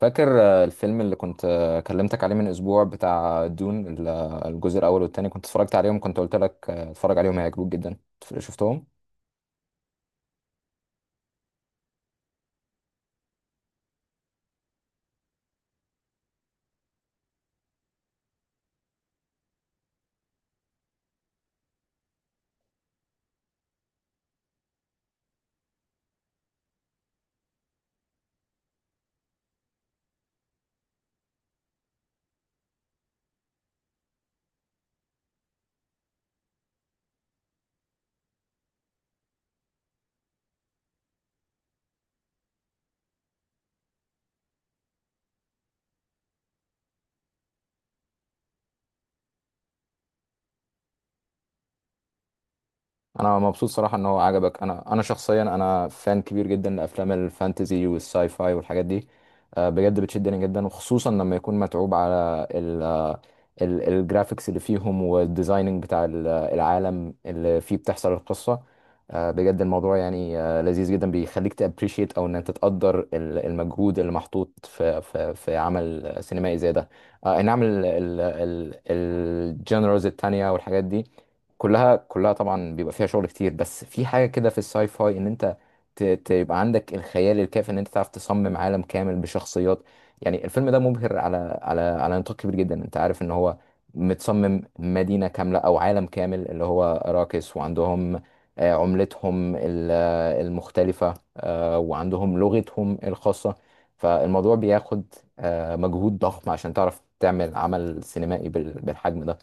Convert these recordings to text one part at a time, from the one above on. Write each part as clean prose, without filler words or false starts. فاكر الفيلم اللي كنت كلمتك عليه من اسبوع بتاع دون الجزء الاول والتاني كنت اتفرجت عليهم. كنت قلت لك اتفرج عليهم، هيعجبوك جدا. شفتهم؟ انا مبسوط صراحة ان هو عجبك. انا شخصيا انا فان كبير جدا لافلام الفانتزي والساي فاي والحاجات دي. بجد بتشدني جدا، وخصوصا لما يكون متعوب على الجرافيكس اللي فيهم والديزايننج بتاع العالم اللي فيه بتحصل القصة. بجد الموضوع يعني لذيذ جدا، بيخليك تابريشيت او ان انت تقدر المجهود اللي محطوط في عمل سينمائي زي ده. اي نعم. الجنرالز التانية والحاجات دي كلها طبعا بيبقى فيها شغل كتير، بس في حاجة كده في الساي فاي ان انت تبقى عندك الخيال الكافي ان انت تعرف تصمم عالم كامل بشخصيات. يعني الفيلم ده مبهر على نطاق كبير جدا. انت عارف ان هو متصمم مدينة كاملة او عالم كامل اللي هو اراكس، وعندهم عملتهم المختلفة، وعندهم لغتهم الخاصة. فالموضوع بياخد مجهود ضخم عشان تعرف تعمل عمل سينمائي بالحجم ده.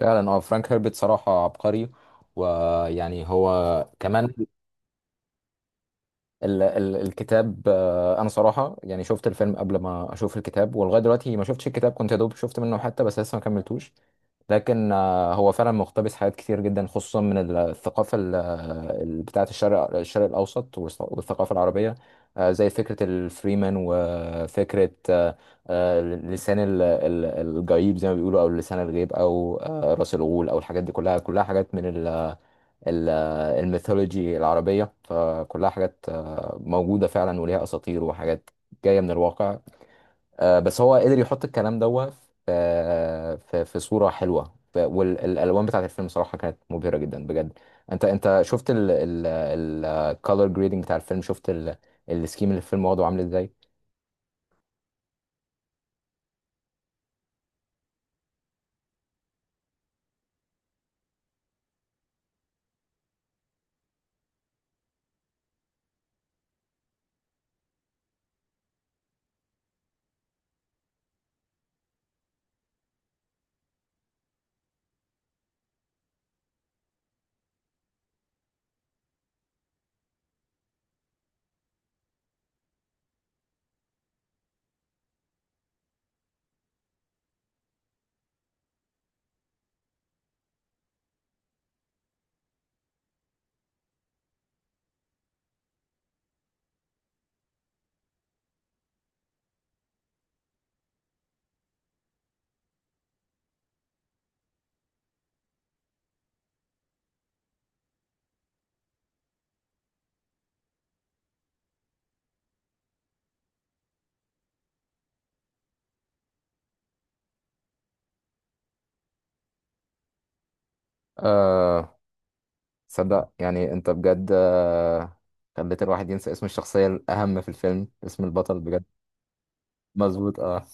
فعلا اه، فرانك هيربت صراحة عبقري. ويعني هو كمان ال ال الكتاب، انا صراحة يعني شفت الفيلم قبل ما اشوف الكتاب، ولغاية دلوقتي ما شفتش الكتاب. كنت يا دوب شفت منه حتى، بس لسه ما كملتوش. لكن هو فعلا مقتبس حاجات كتير جدا، خصوصا من الثقافة بتاعة الشرق الاوسط والثقافة العربية. زي فكرة الفريمان، وفكرة لسان الجيب زي ما بيقولوا، او لسان الغيب، او راس الغول، او الحاجات دي كلها حاجات من ال- الميثولوجي العربية. فكلها حاجات موجودة فعلا، وليها أساطير وحاجات جاية من الواقع. بس هو قدر يحط الكلام دوت في صورة حلوة. والألوان بتاعت الفيلم صراحة كانت مبهرة جدا بجد. أنت شفت الكالر جريدنج بتاع الفيلم؟ شفت السكيم اللي الفيلم واخده عامل ازاي؟ أه. صدق يعني أنت بجد خليت الواحد ينسى اسم الشخصية الأهم في الفيلم، اسم البطل بجد. مظبوط اه.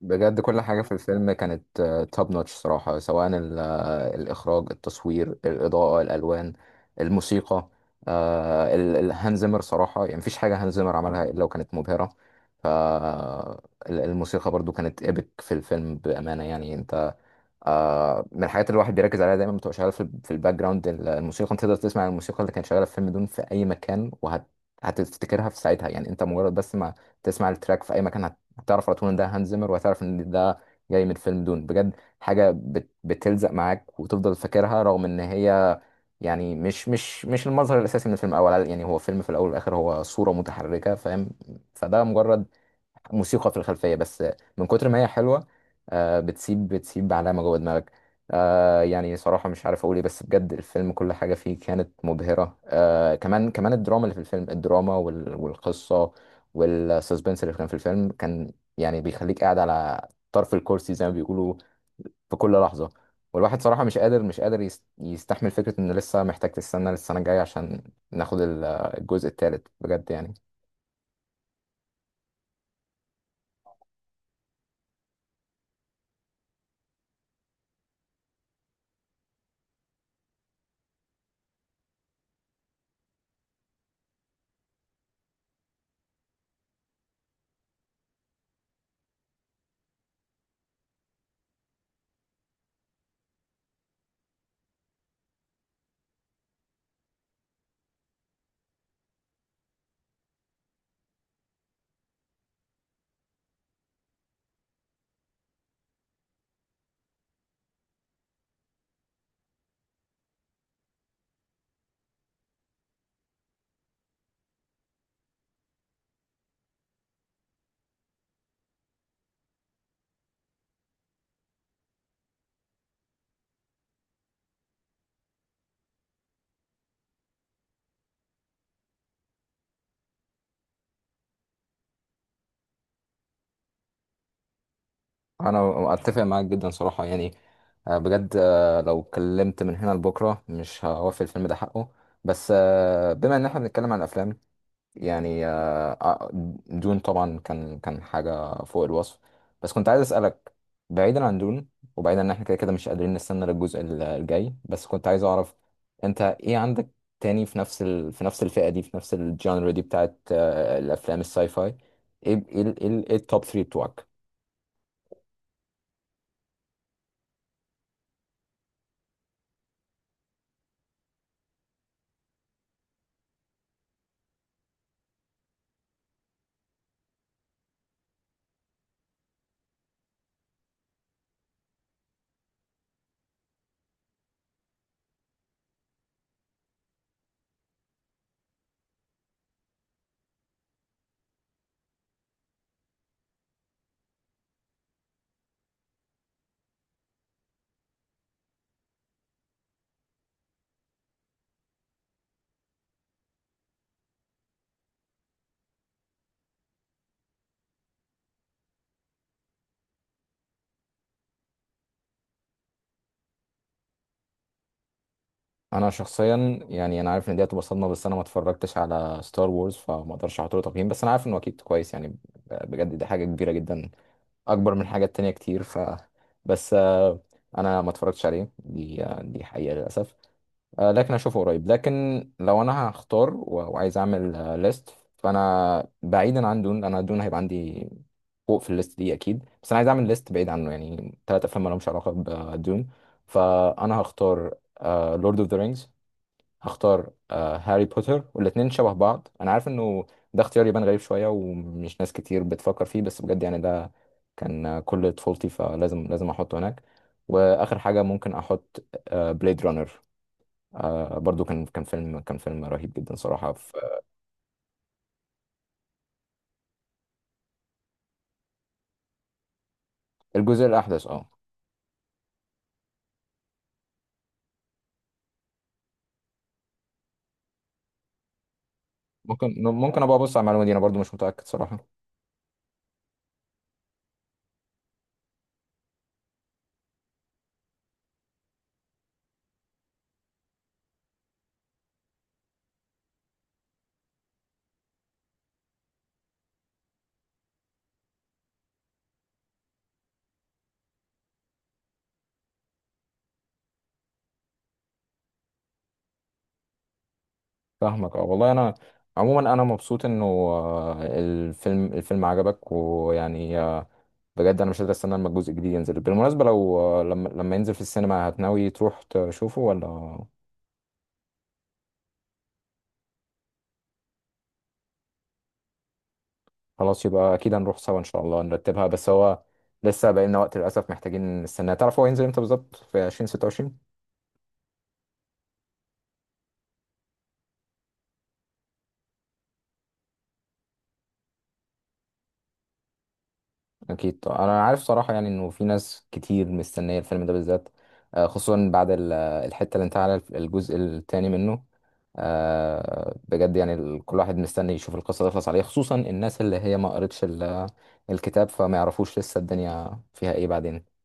بجد كل حاجة في الفيلم كانت توب نوتش صراحة، سواء الإخراج، التصوير، الإضاءة، الألوان، الموسيقى. هانز زيمر صراحة، يعني مفيش حاجة هانز زيمر عملها إلا وكانت مبهرة. فالموسيقى برضو كانت إيبك في الفيلم بأمانة. يعني أنت، آه، من الحاجات اللي الواحد بيركز عليها دايما بتبقى شغاله في في الباك جراوند، الموسيقى. انت تقدر تسمع الموسيقى اللي كانت شغاله في فيلم دون في اي مكان هتفتكرها في ساعتها. يعني انت مجرد بس ما تسمع التراك في اي مكان هتعرف على طول ان ده هانز زيمر، وهتعرف ان ده جاي من فيلم دون. بجد حاجه بتلزق معاك وتفضل فاكرها، رغم ان هي يعني مش المظهر الاساسي من الفيلم. الاول يعني هو فيلم في الاول والاخر، هو صوره متحركه فاهم. فده مجرد موسيقى في الخلفية بس، من كتر ما هي حلوة بتسيب علامة جوه دماغك. يعني صراحة مش عارف أقول إيه، بس بجد الفيلم كل حاجة فيه كانت مبهرة. كمان الدراما اللي في الفيلم، الدراما والقصة والسسبنس اللي كان في الفيلم، كان يعني بيخليك قاعد على طرف الكرسي زي ما بيقولوا في كل لحظة. والواحد صراحة مش قادر يستحمل فكرة إنه لسه محتاج تستنى للسنة الجاية عشان ناخد الجزء التالت بجد يعني. انا اتفق معاك جدا صراحه يعني. بجد، لو اتكلمت من هنا لبكره مش هوفي الفيلم ده حقه. بس بما ان احنا بنتكلم عن الافلام، يعني دون طبعا كان حاجه فوق الوصف، بس كنت عايز اسالك، بعيدا عن دون، وبعيدا ان احنا كده مش قادرين نستنى للجزء الجاي، بس كنت عايز اعرف انت ايه عندك تاني في نفس في نفس الفئه دي، في نفس الجانر دي بتاعت الافلام الساي فاي. ايه ايه ايه إيه التوب 3 بتوعك؟ انا شخصيا يعني انا عارف ان دي هتبقى صدمه، بس انا ما اتفرجتش على ستار وورز، فما اقدرش احط له تقييم. بس انا عارف انه اكيد كويس يعني، بجد دي حاجه كبيره جدا، اكبر من حاجات تانية كتير. ف، بس، انا ما اتفرجتش عليه دي، دي حقيقه للاسف. لكن اشوفه قريب. لكن لو انا هختار، وعايز اعمل ليست، فانا بعيدا عن دون. انا دون هيبقى عندي فوق في الليست دي اكيد، بس انا عايز اعمل ليست بعيد عنه، يعني ثلاث افلام ما لهمش علاقه بدون. فانا هختار لورد اوف ذا رينجز، هختار هاري بوتر، والاتنين شبه بعض. انا عارف انه ده اختيار يبان غريب شوية، ومش ناس كتير بتفكر فيه، بس بجد يعني ده كان كل طفولتي، فلازم احطه هناك. واخر حاجة ممكن احط، بليد رانر. برضو كان فيلم رهيب جدا صراحة، في الجزء الاحدث اه. ممكن ابقى ابص على المعلومة دي، انا برضو مش متأكد صراحة. فاهمك اه. والله انا عموما انا مبسوط انه الفيلم عجبك. ويعني بجد انا مش قادر استنى لما الجزء الجديد ينزل. بالمناسبة لو، لما ينزل في السينما، هتناوي تروح تشوفه ولا؟ خلاص، يبقى اكيد هنروح سوا ان شاء الله، نرتبها. بس هو لسه بقى لنا وقت للاسف، محتاجين نستناه. تعرف هو ينزل امتى بالظبط؟ في 2026 اكيد طبعاً. انا عارف صراحة يعني انه في ناس كتير مستنية الفيلم ده بالذات، خصوصا بعد الحتة اللي انتهى على الجزء الثاني منه. بجد يعني، كل واحد مستني يشوف القصة تخلص عليه، خصوصا الناس اللي هي ما قرتش الكتاب، فما يعرفوش لسه الدنيا فيها ايه بعدين.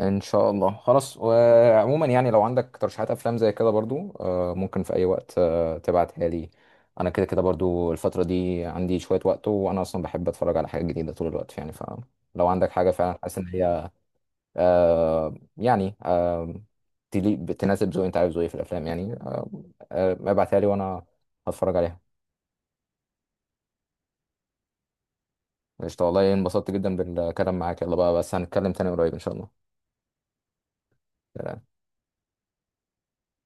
ان شاء الله خلاص. وعموما يعني لو عندك ترشيحات افلام زي كده برضو، ممكن في اي وقت، تبعتها لي. انا كده كده برضو الفترة دي عندي شوية وقت، وانا اصلا بحب اتفرج على حاجة جديدة طول الوقت يعني، فلو عندك حاجة فعلا حاسس ان هي يعني تناسب ذوقي، انت عايز ذوقي في الافلام يعني ابعتها لي وانا هتفرج عليها. قشطة. والله انبسطت جدا بالكلام معاك، يلا بقى بس هنتكلم تاني قريب ان شاء الله.